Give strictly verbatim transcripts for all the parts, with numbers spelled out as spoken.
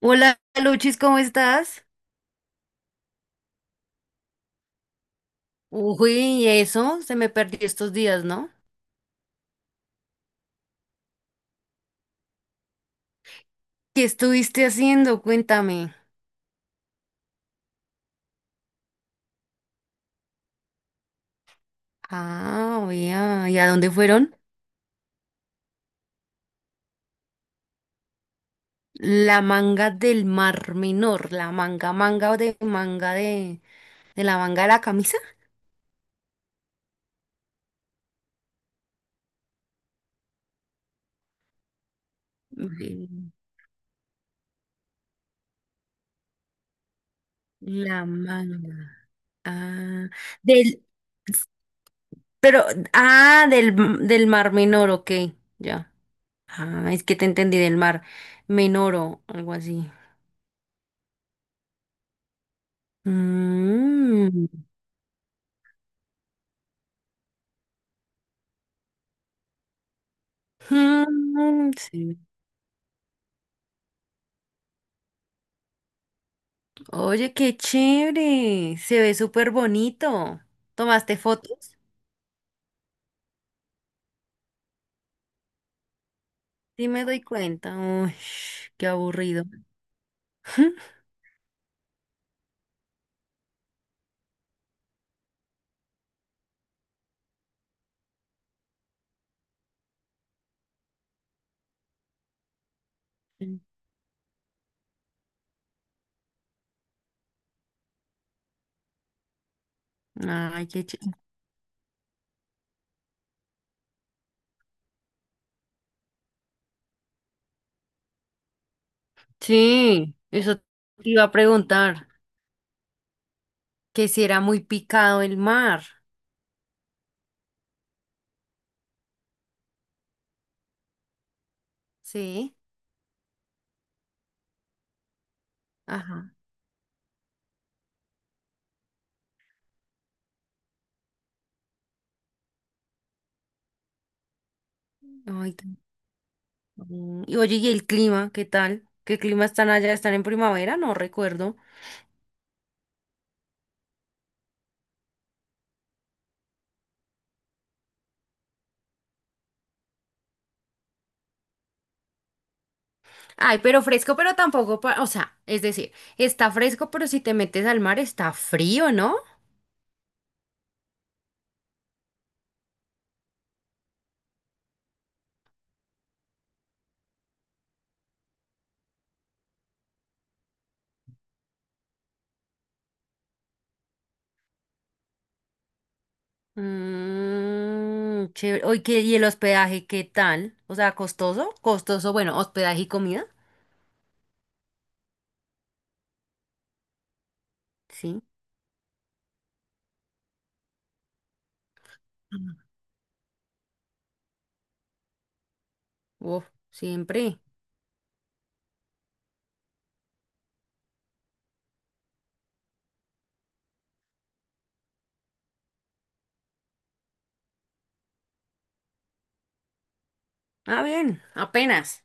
Hola, Luchis, ¿cómo estás? Uy, y eso se me perdió estos días, ¿no? ¿Qué estuviste haciendo? Cuéntame. Ah, vea, ¿y a dónde fueron? La manga del Mar Menor, la manga, manga de manga de, de la manga de la camisa. De la manga. Ah, del, pero, ah, del, del Mar Menor, ok, ya. Ah, es que te entendí del Mar Menor o algo así. Mmm. Mm, sí. Oye, qué chévere. Se ve súper bonito. ¿Tomaste fotos? Sí, me doy cuenta. Uy, qué aburrido. Ay, qué chévere. Sí, eso te iba a preguntar. Que si era muy picado el mar. Sí. Ajá. Ay, qué- Mm. Y oye, ¿y el clima? ¿Qué tal? ¿Qué clima están allá? ¿Están en primavera? No recuerdo. Ay, pero fresco, pero tampoco, pa- o sea, es decir, está fresco, pero si te metes al mar está frío, ¿no? Mmm, chévere. Oye, ¿qué- ¿y el hospedaje qué tal? O sea, costoso, costoso, bueno, hospedaje y comida, sí. Mm. Uf, siempre. Ah, bien, apenas.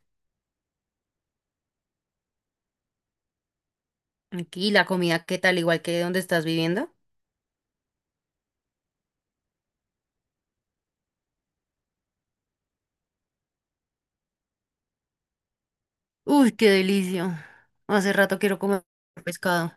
Aquí la comida, ¿qué tal? Igual que donde estás viviendo. Uy, qué delicia. Hace rato quiero comer pescado.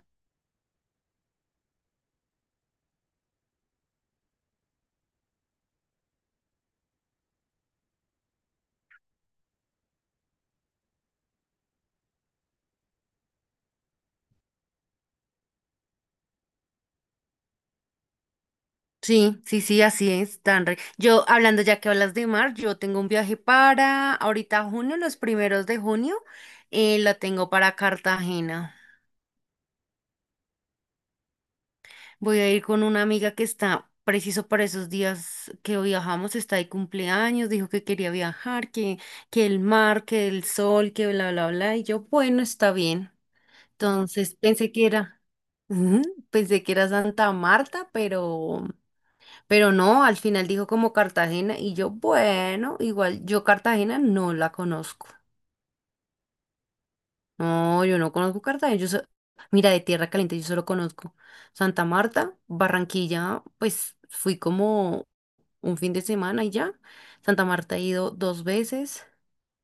Sí, sí, sí, así es, tan re- yo, hablando ya que hablas de mar, yo tengo un viaje para ahorita junio, los primeros de junio, eh, la tengo para Cartagena. Voy a ir con una amiga que está preciso para esos días que viajamos, está de cumpleaños, dijo que quería viajar, que, que el mar, que el sol, que bla, bla, bla, y yo, bueno, está bien. Entonces pensé que era, ujú, pensé que era Santa Marta, pero. Pero no, al final dijo como Cartagena y yo, bueno, igual yo Cartagena no la conozco. No, yo no conozco Cartagena. Yo so- mira, de Tierra Caliente yo solo conozco Santa Marta, Barranquilla, pues fui como un fin de semana y ya. Santa Marta he ido dos veces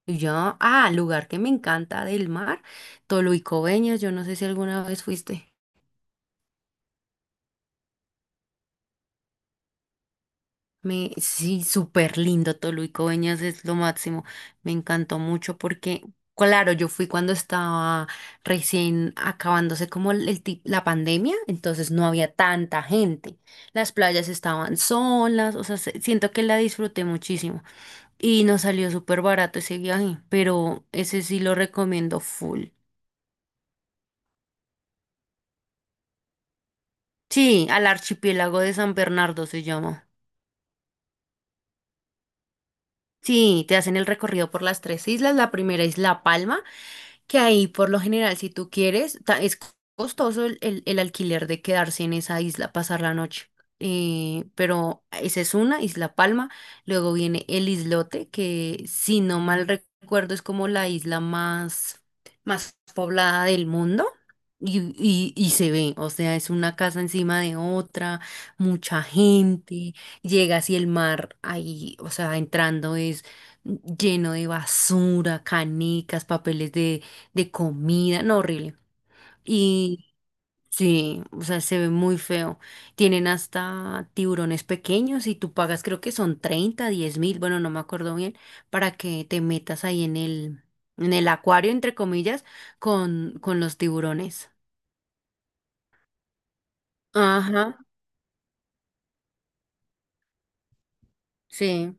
y ya. Ah, lugar que me encanta del mar, Toluicobeñas, yo no sé si alguna vez fuiste. Me, sí, súper lindo, Toluico Veñas es lo máximo. Me encantó mucho porque, claro, yo fui cuando estaba recién acabándose como el, el ti- la pandemia, entonces no había tanta gente. Las playas estaban solas, o sea, se- siento que la disfruté muchísimo y nos salió súper barato ese viaje, pero ese sí lo recomiendo full. Sí, al archipiélago de San Bernardo se llama. Sí, te hacen el recorrido por las tres islas. La primera es La Palma, que ahí por lo general, si tú quieres, ta- es costoso el, el- el alquiler de quedarse en esa isla, pasar la noche. Eh, pero esa es una, Isla Palma. Luego viene el islote, que si no mal recuerdo es como la isla más, más poblada del mundo. Y, y, y se ve, o sea, es una casa encima de otra, mucha gente, llegas y el mar ahí, o sea, entrando es lleno de basura, canicas, papeles de, de comida, no, horrible. Y sí, o sea, se ve muy feo. Tienen hasta tiburones pequeños y tú pagas, creo que son treinta diez mil, bueno, no me acuerdo bien, para que te metas ahí en el, en el, acuario, entre comillas, con, con los tiburones. Ajá, sí.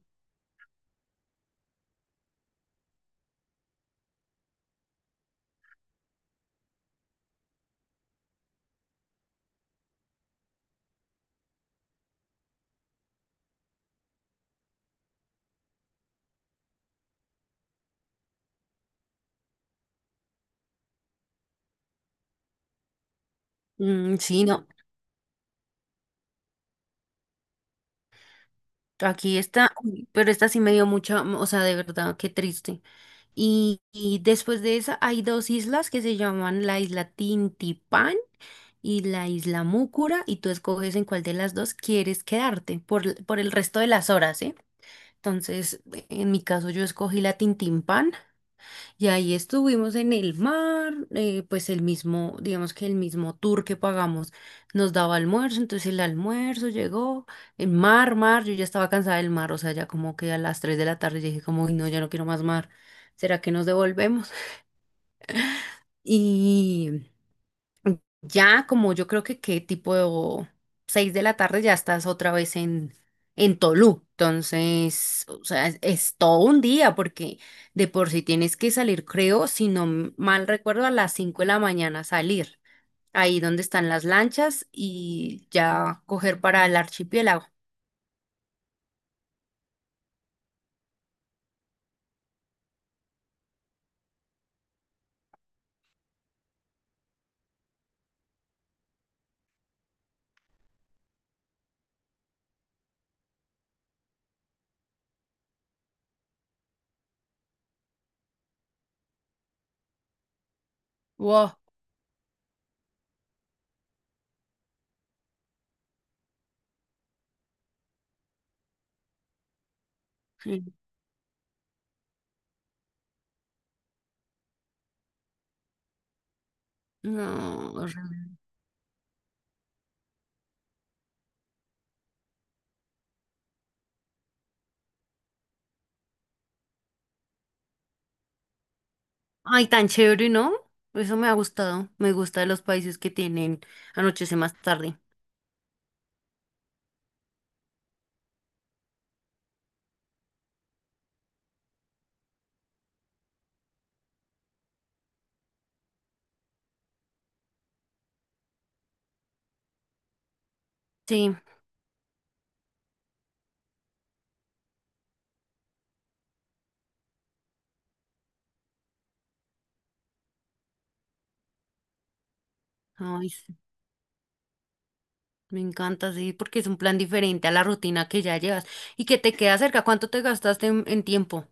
Mm, sí, no. Aquí está, uy, pero esta sí me dio mucha, o sea, de verdad, qué triste. Y, y después de esa hay dos islas que se llaman la isla Tintipán y la isla Múcura y tú escoges en cuál de las dos quieres quedarte por, l- por el resto de las horas, ¿eh? Entonces, e, en mi caso yo escogí la Tintimpán y ahí estuvimos en el mar, eh, pues el mismo, digamos que el mismo tour que pagamos nos daba almuerzo, entonces el almuerzo llegó, el mar, mar, yo ya estaba cansada del mar, o sea, ya como que a las tres de la tarde dije como, uy, no, ya no quiero más mar, ¿será que nos devolvemos? y Ya como yo creo que qué tipo seis de la tarde ya estás otra vez en, en, Tolú. Entonces, o sea, es, es todo un día porque de por sí tienes que salir, creo, si no m- mal recuerdo, a las cinco de la mañana salir, ahí donde están las lanchas y ya coger para el archipiélago. Wow. Sí. No, horrible. Ay, tan chévere, ¿no? Eso me ha gustado. Me gusta de los países que tienen anochece más tarde. Sí, ay, sí. Me encanta, sí, porque es un plan diferente a la rutina que ya llevas y que te queda cerca. ¿Cuánto te gastaste en, en, tiempo?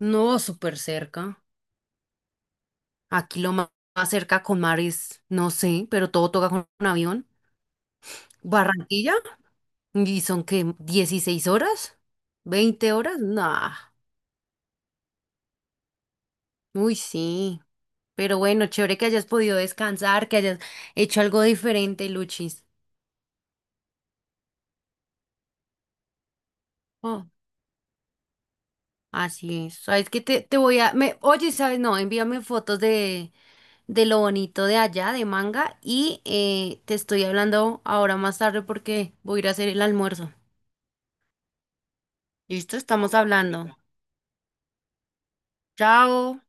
No, súper cerca. Aquí lo ma- más cerca con mar es, no sé, pero todo toca con un avión. Barranquilla, y son que dieciséis horas, veinte horas, nah. Uy, sí. Pero bueno, chévere que hayas podido descansar, que hayas hecho algo diferente, Luchis. Oh, así es. ¿Sabes qué? Te, te voy a... Me... Oye, ¿sabes? No, envíame fotos de de lo bonito de allá, de Manga, y eh, te estoy hablando ahora más tarde porque voy a ir a hacer el almuerzo. ¿Listo? Estamos hablando. Chao.